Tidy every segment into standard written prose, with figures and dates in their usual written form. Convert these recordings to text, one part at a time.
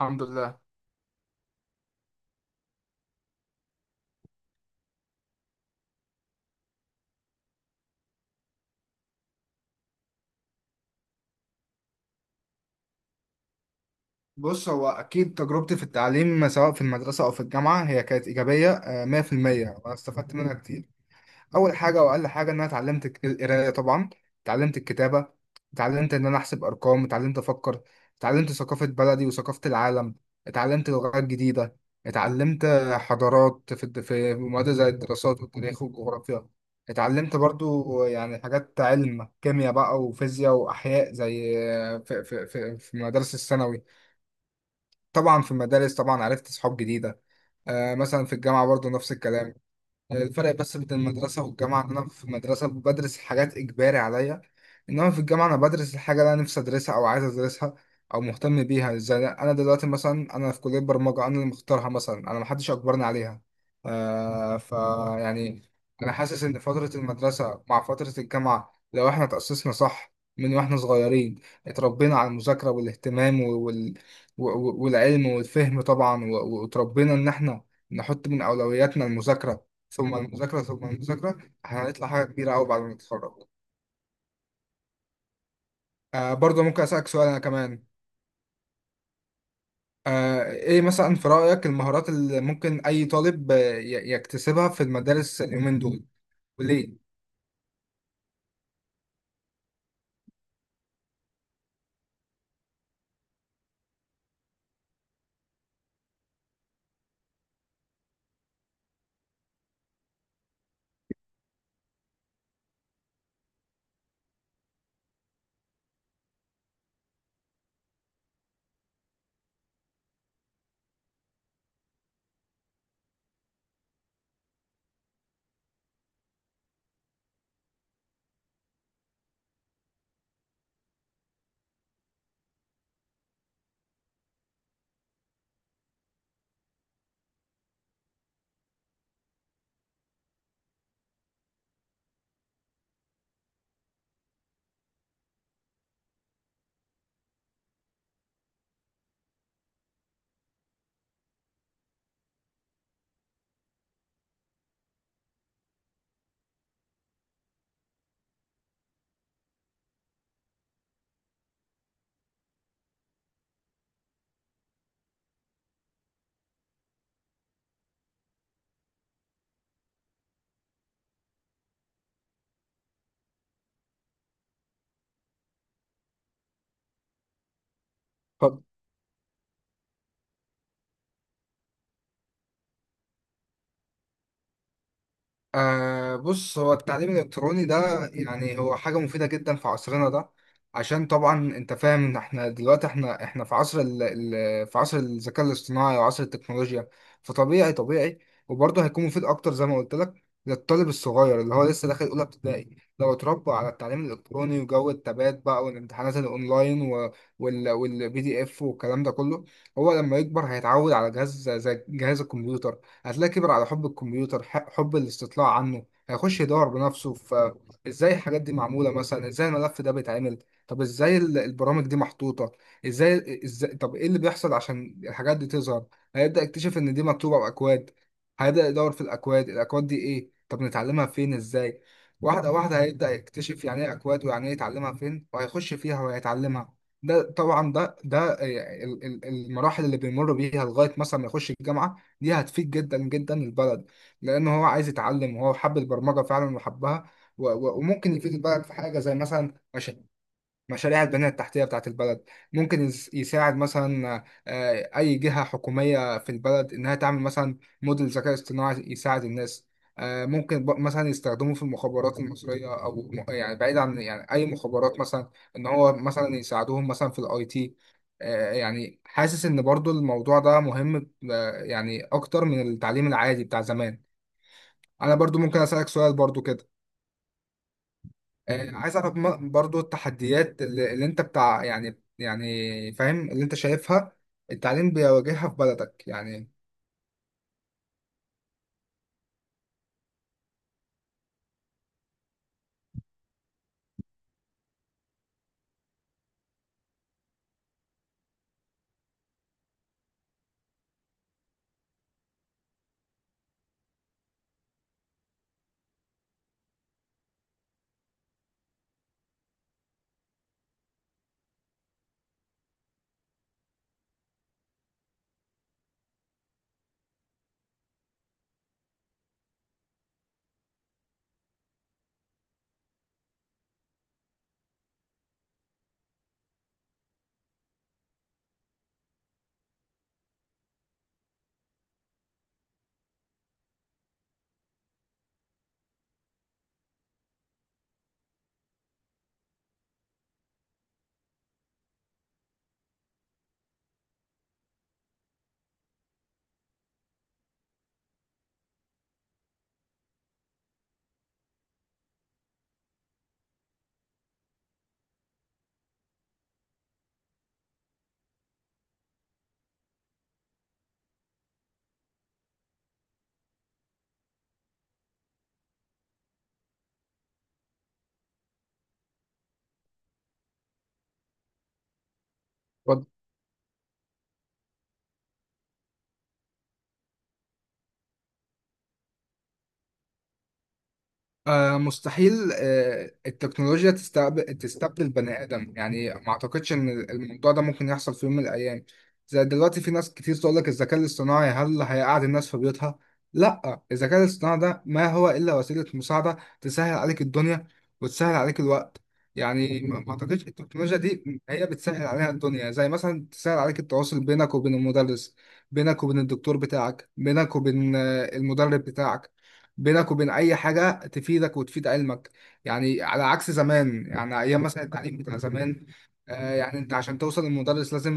الحمد لله. بص، هو أكيد تجربتي في التعليم سواء في المدرسة أو في الجامعة هي كانت إيجابية، 100%، وأنا استفدت منها كتير. أول حاجة وأقل حاجة إن أنا اتعلمت القراية طبعا، اتعلمت الكتابة، اتعلمت إن أنا أحسب أرقام، اتعلمت أفكر، اتعلمت ثقافة بلدي وثقافة العالم، اتعلمت لغات جديدة، اتعلمت حضارات في في مواد زي الدراسات والتاريخ والجغرافيا، اتعلمت برضو يعني حاجات علم كيمياء بقى وفيزياء وأحياء زي في المدارس الثانوي. طبعا في المدارس طبعا عرفت صحاب جديدة. مثلا في الجامعة برضو نفس الكلام. الفرق بس بين المدرسة والجامعة إن أنا في المدرسة بدرس حاجات إجباري عليا، إنما في الجامعة أنا بدرس الحاجة اللي أنا نفسي أدرسها أو عايز أدرسها أو مهتم بيها، زي أنا دلوقتي مثلا أنا في كلية برمجة أنا اللي مختارها، مثلا أنا محدش أجبرني عليها. آه ف يعني أنا حاسس إن فترة المدرسة مع فترة الجامعة لو إحنا تأسسنا صح من وإحنا صغيرين، اتربينا على المذاكرة والاهتمام والعلم والفهم طبعا واتربينا إن إحنا نحط من أولوياتنا المذاكرة ثم المذاكرة ثم المذاكرة، هنطلع حاجة كبيرة أوي بعد ما نتخرج. برضه ممكن أسألك سؤال أنا كمان. إيه مثلا في رأيك المهارات اللي ممكن أي طالب يكتسبها في المدارس اليومين دول، وليه؟ بص، هو التعليم الإلكتروني ده يعني هو حاجة مفيدة جدا في عصرنا ده، عشان طبعا انت فاهم ان احنا دلوقتي احنا في عصر ال ال في عصر الذكاء الاصطناعي وعصر التكنولوجيا، فطبيعي طبيعي. وبرضه هيكون مفيد اكتر زي ما قلت لك للطالب الصغير اللي هو لسه داخل اولى ابتدائي، لو اتربى على التعليم الالكتروني وجو التبات بقى والامتحانات الاونلاين والبي دي اف والكلام ده كله، هو لما يكبر هيتعود على جهاز زي جهاز الكمبيوتر، هتلاقيه كبر على حب الكمبيوتر، حب الاستطلاع عنه، هيخش يدور بنفسه فازاي الحاجات دي معمولة، مثلا ازاي الملف ده بيتعمل، طب ازاي البرامج دي محطوطة، ازاي طب ايه اللي بيحصل عشان الحاجات دي تظهر. هيبدأ يكتشف ان دي مكتوبة بأكواد، هيبدأ يدور في الأكواد، الأكواد دي ايه؟ طب نتعلمها فين؟ ازاي؟ واحدة واحدة هيبدأ يكتشف يعني ايه أكواد، ويعني ايه يتعلمها فين، وهيخش فيها وهيتعلمها. ده طبعا المراحل اللي بيمر بيها لغاية مثلا ما يخش الجامعة، دي هتفيد جدا جدا البلد، لان هو عايز يتعلم وهو حب البرمجه فعلا وحبها، وممكن يفيد البلد في حاجه زي مثلا مشاريع، مشاريع البنية التحتية بتاعت البلد. ممكن يساعد مثلا أي جهة حكومية في البلد إنها تعمل مثلا موديل ذكاء اصطناعي يساعد الناس. ممكن مثلا يستخدموه في المخابرات المصرية أو يعني بعيد عن يعني أي مخابرات مثلا، إن هو مثلا يساعدوهم مثلا في الأي تي. يعني حاسس إن برضو الموضوع ده مهم، يعني أكتر من التعليم العادي بتاع زمان. أنا برضو ممكن أسألك سؤال برضو كده. عايز اعرف برضو التحديات اللي انت بتاع يعني فاهم اللي انت شايفها التعليم بيواجهها في بلدك يعني. مستحيل التكنولوجيا تستبدل بني آدم، يعني ما أعتقدش إن الموضوع ده ممكن يحصل في يوم من الأيام. زي دلوقتي في ناس كتير تقول لك الذكاء الاصطناعي هل هيقعد الناس في بيوتها؟ لا، الذكاء الاصطناعي ده ما هو إلا وسيلة مساعدة تسهل عليك الدنيا وتسهل عليك الوقت. يعني ما أعتقدش، التكنولوجيا دي هي بتسهل عليها الدنيا، زي مثلا تسهل عليك التواصل بينك وبين المدرس، بينك وبين الدكتور بتاعك، بينك وبين المدرب بتاعك، بينك وبين اي حاجه تفيدك وتفيد علمك. يعني على عكس زمان، يعني ايام مثلا التعليم بتاع زمان، يعني انت عشان توصل للمدرس لازم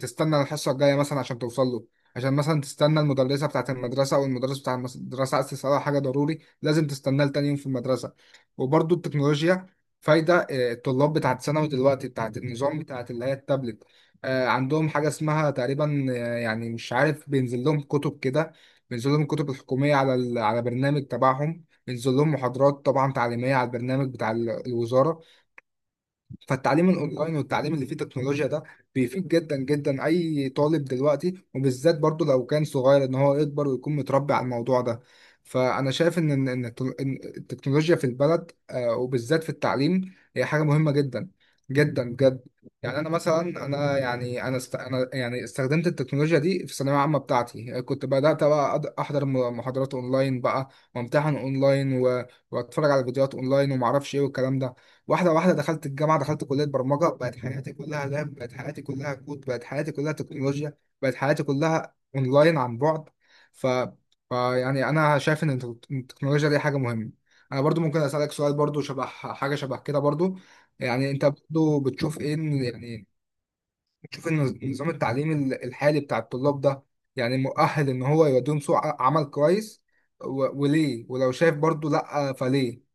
تستنى الحصه الجايه مثلا عشان توصل له، عشان مثلا تستنى المدرسه بتاعه، المدرسه او المدرس بتاع المدرسه، عايز تساله حاجه ضروري لازم تستناه لتاني يوم في المدرسه. وبرده التكنولوجيا فايده، الطلاب بتاعه ثانوي دلوقتي بتاعه النظام بتاعه اللي هي التابلت، عندهم حاجه اسمها تقريبا، يعني مش عارف بينزل لهم كتب كده، بينزل لهم الكتب الحكومية على على برنامج تبعهم، بينزل لهم محاضرات طبعا تعليمية على البرنامج بتاع الوزارة. فالتعليم الاونلاين والتعليم اللي فيه تكنولوجيا ده بيفيد جدا جدا اي طالب دلوقتي وبالذات برضو لو كان صغير ان هو يكبر ويكون متربي على الموضوع ده. فانا شايف إن التكنولوجيا في البلد، وبالذات في التعليم، هي حاجة مهمة جدا جدا بجد. يعني انا مثلا، انا يعني انا است... انا يعني استخدمت التكنولوجيا دي في الثانويه العامه بتاعتي، كنت بدات بقى احضر محاضرات اونلاين بقى، وامتحن اونلاين واتفرج على فيديوهات اونلاين وما اعرفش ايه والكلام ده. واحدة واحدة دخلت الجامعة، دخلت كلية برمجة، بقت حياتي كلها لاب، بقت حياتي كلها كود، بقت حياتي كلها تكنولوجيا، بقت حياتي كلها اونلاين عن بعد. ف... ف يعني انا شايف ان التكنولوجيا دي حاجة مهمة. انا برضو ممكن اسألك سؤال برضو شبه حاجة شبه كده برضو. يعني انت برضو بتشوف ايه، يعني بتشوف ان النظام التعليمي الحالي بتاع الطلاب ده يعني مؤهل ان هو يوديهم سوق عمل كويس، وليه؟ ولو شايف برضو لا، فليه؟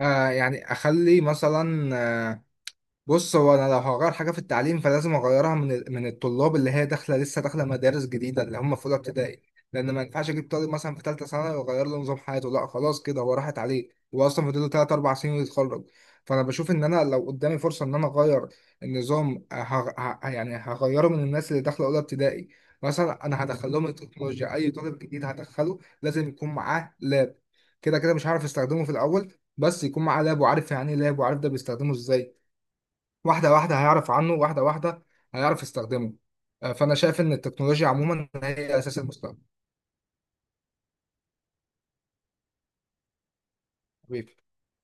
يعني اخلي مثلا، بص هو انا لو هغير حاجه في التعليم فلازم اغيرها من من الطلاب اللي هي داخله لسه داخله مدارس جديده اللي هم في اولى ابتدائي، لان ما ينفعش اجيب طالب مثلا في ثالثه ثانوي واغير له نظام حياته، لا خلاص كده هو راحت عليه، هو اصلا فاضل له 3 4 سنين ويتخرج. فانا بشوف ان انا لو قدامي فرصه ان انا اغير النظام، يعني هغيره من الناس اللي داخله اولى ابتدائي. مثلا انا هدخل لهم التكنولوجيا، اي طالب جديد هدخله لازم يكون معاه لاب، كده كده مش هعرف استخدمه في الاول بس يكون معاه لاب وعارف يعني ايه لاب وعارف ده بيستخدمه ازاي. واحدة واحدة هيعرف عنه، واحدة واحدة هيعرف يستخدمه. فأنا شايف إن التكنولوجيا عموما هي أساس المستقبل.